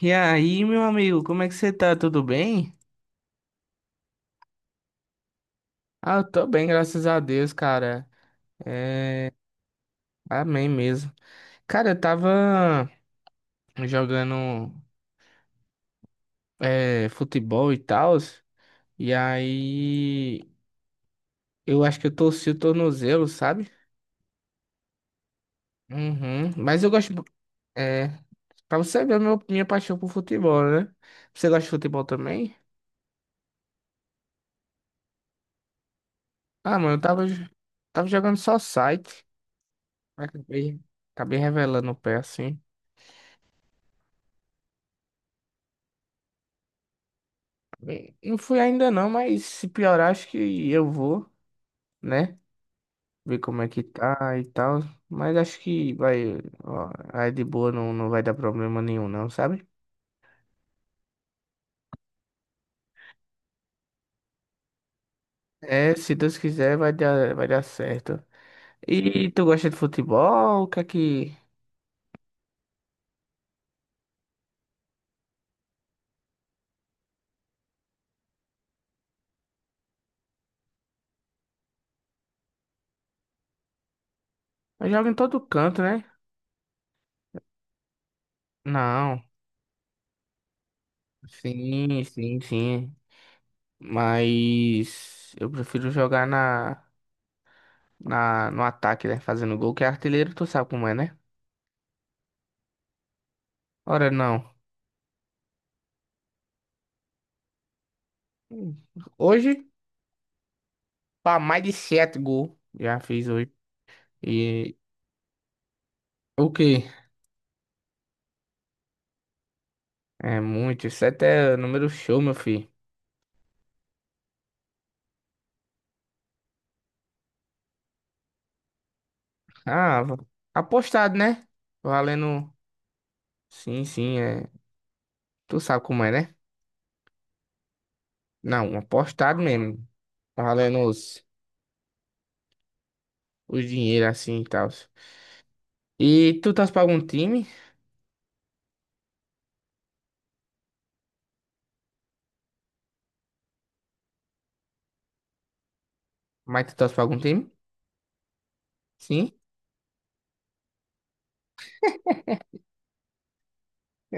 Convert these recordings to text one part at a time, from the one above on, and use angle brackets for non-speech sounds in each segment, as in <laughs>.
E aí, meu amigo, como é que você tá? Tudo bem? Ah, eu tô bem, graças a Deus, cara. Amém mesmo. Cara, eu tava jogando futebol e tal, e aí eu acho que eu torci o tornozelo, sabe? Uhum. Mas eu gosto. É, pra você ver minha paixão por futebol, né? Você gosta de futebol também? Ah, mano, eu tava, tava jogando só site. Acabei, acabei revelando o pé assim. Bem, não fui ainda não, mas se piorar, acho que eu vou, né? Ver como é que tá e tal. Mas acho que vai, ó, aí de boa não, não vai dar problema nenhum, não, sabe? É, se Deus quiser, vai dar certo. E tu gosta de futebol? O que é que. Eu jogo em todo canto, né? Não, sim, sim, sim. Mas eu prefiro jogar no ataque, né? Fazendo gol, que é artilheiro, tu sabe como é, né? Ora, não. Hoje. Pá, mais de sete gols já fiz hoje. E o quê. É muito. Sete é número show, meu filho. Ah, apostado, né? Valendo. Sim, sim, é. Tu sabe como é, né? Não, apostado mesmo. Valendo os dinheiro assim e tal. E tu torce pra algum time? Mas tu torce pra algum time? Sim.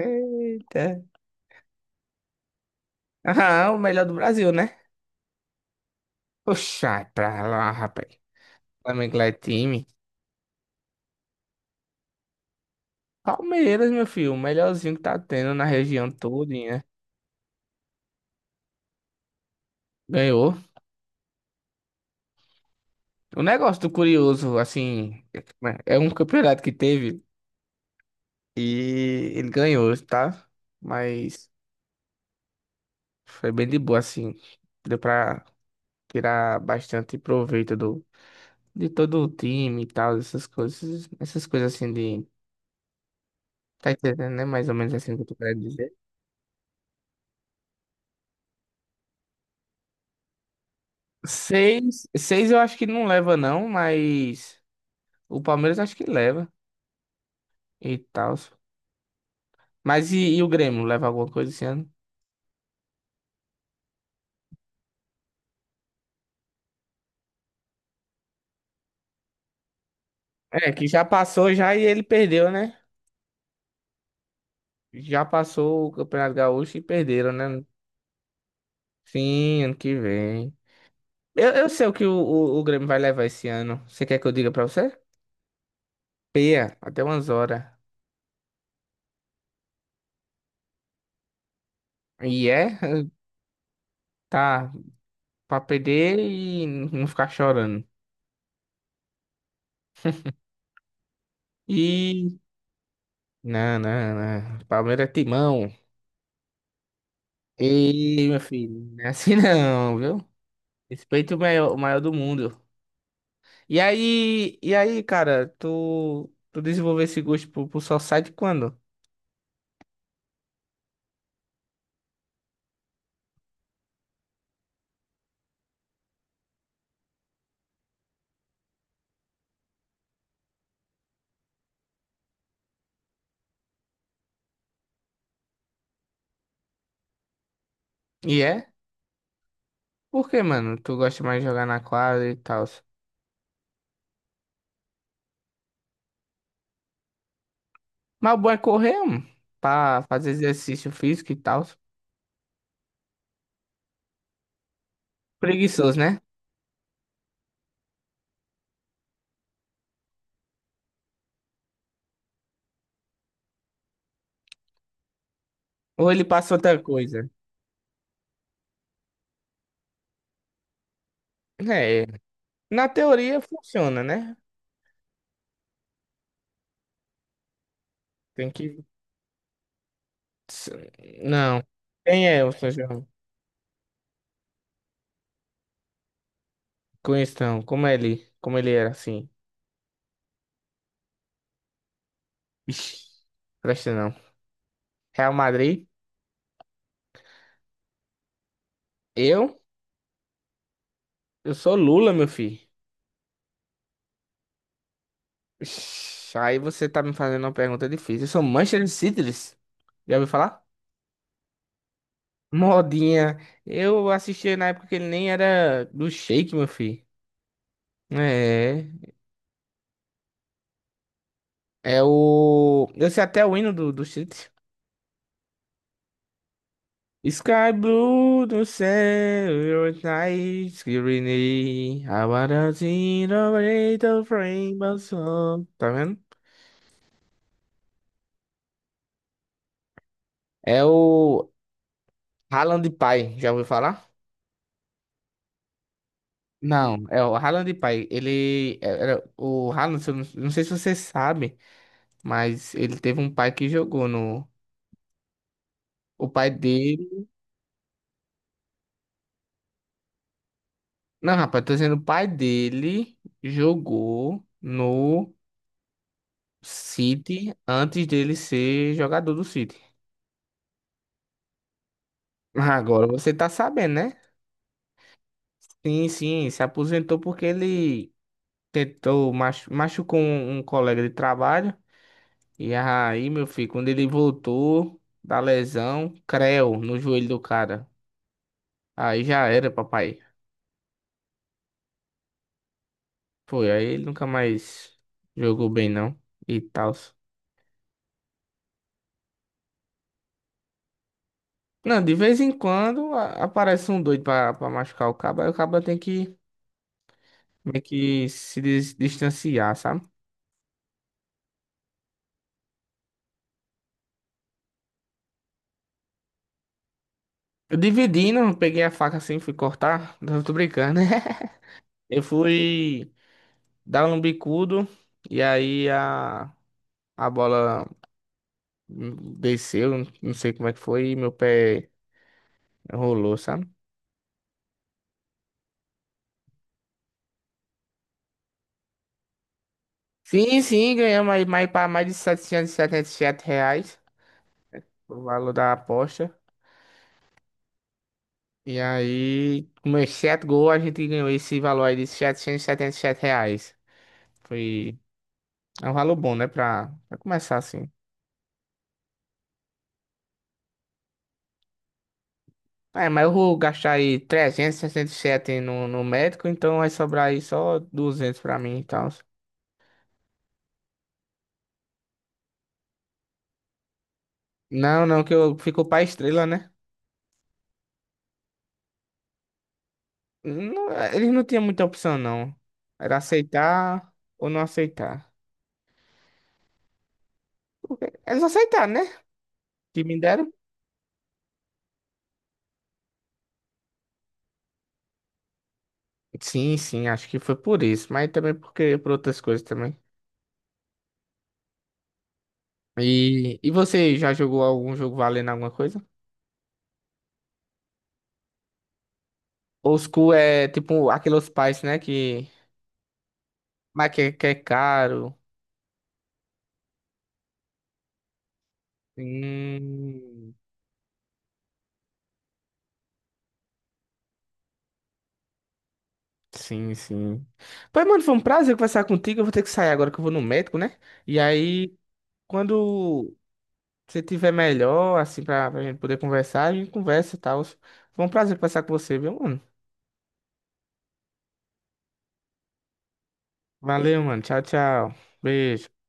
Eita. <laughs> Ah, o melhor do Brasil, né? Poxa, pra lá, rapaz. Flamengo lá é time. Palmeiras, meu filho, o melhorzinho que tá tendo na região todinha. Ganhou. O negócio do curioso, assim, é um campeonato que teve e ele ganhou, tá? Mas foi bem de boa, assim. Deu pra tirar bastante proveito de todo o time e tal, essas coisas assim de. Tá entendendo, né? Mais ou menos assim que eu tô querendo dizer. Seis eu acho que não leva, não, mas o Palmeiras acho que leva e tal. Mas e o Grêmio leva alguma coisa esse ano? É, que já passou já e ele perdeu, né? Já passou o Campeonato Gaúcho e perderam, né? Sim, ano que vem. Eu sei o que o Grêmio vai levar esse ano. Você quer que eu diga pra você? Peia até umas horas. E é, <laughs> tá, pra perder e não ficar chorando. E. Não, não, não. Palmeiras é timão. E, meu filho, não é assim não, viu? Respeito o maior do mundo. E aí, cara, tu desenvolveu esse gosto pro Society quando? E é? Por que, mano? Tu gosta mais de jogar na quadra e tal. Mas o bom é correr, mano, pra fazer exercício físico e tal. Preguiçoso, né? Ou ele passa outra coisa? É, na teoria funciona, né? Tem que. Não. Quem é o São João? Conheço não. Como é ele? Como ele era assim? Ixi, presta não. Real Madrid? Eu? Eu sou Lula, meu filho. Ixi, aí você tá me fazendo uma pergunta difícil. Eu sou Manchester City, já ouviu falar? Modinha. Eu assisti na época que ele nem era do Shake, meu filho. É. É o. Eu sei até o hino do City. Sky Blue do céu, your night, green, I wanna see the little rainbow song. Tá vendo? É o Haaland Pai. Já ouviu falar? Não, é o Haaland, pai. Ele é, era o Haaland, se eu não sei se você sabe, mas ele teve um pai que jogou no. O pai dele. Não, rapaz, tô dizendo, o pai dele jogou no City antes dele ser jogador do City. Agora você tá sabendo, né? Sim, sim, se aposentou porque ele tentou, machucou um colega de trabalho. E aí, meu filho, quando ele voltou da lesão, creu no joelho do cara. Aí já era, papai. Foi, aí ele nunca mais jogou bem, não. E tal. Não, de vez em quando aparece um doido pra, pra machucar o cabo. Aí o cabo tem que meio que se distanciar, sabe? Eu dividindo, peguei a faca assim, fui cortar. <laughs> Não tô brincando, né? <laughs> Eu fui dar um bicudo e aí a bola desceu, não sei como é que foi, e meu pé rolou, sabe? Sim, sim, ganhamos aí mais, pra mais de setecentos e setenta e sete reais, o valor da aposta. E aí, com meus 7 gols, a gente ganhou esse valor aí de R$ 777. Foi... É um valor bom, né? Pra começar assim. É, mas eu vou gastar aí 367 no médico, então vai sobrar aí só 200 pra mim e tal. Não, não, que eu ficou pra estrela, né? Não, eles não tinham muita opção, não. Era aceitar ou não aceitar. Porque eles aceitaram, né? Que me deram. Sim, sim, acho que foi por isso, mas também porque por outras coisas também. E você já jogou algum jogo valendo alguma coisa? Old School é tipo aqueles pais, né? Que, mas que é caro. Hum, sim, sim. Pois, mano, foi um prazer conversar contigo. Eu vou ter que sair agora que eu vou no médico, né? E aí, quando você tiver melhor, assim, pra gente poder conversar, a gente conversa e tal. Foi um prazer conversar com você, viu, mano? Valeu, mano. Tchau, tchau. Beijo.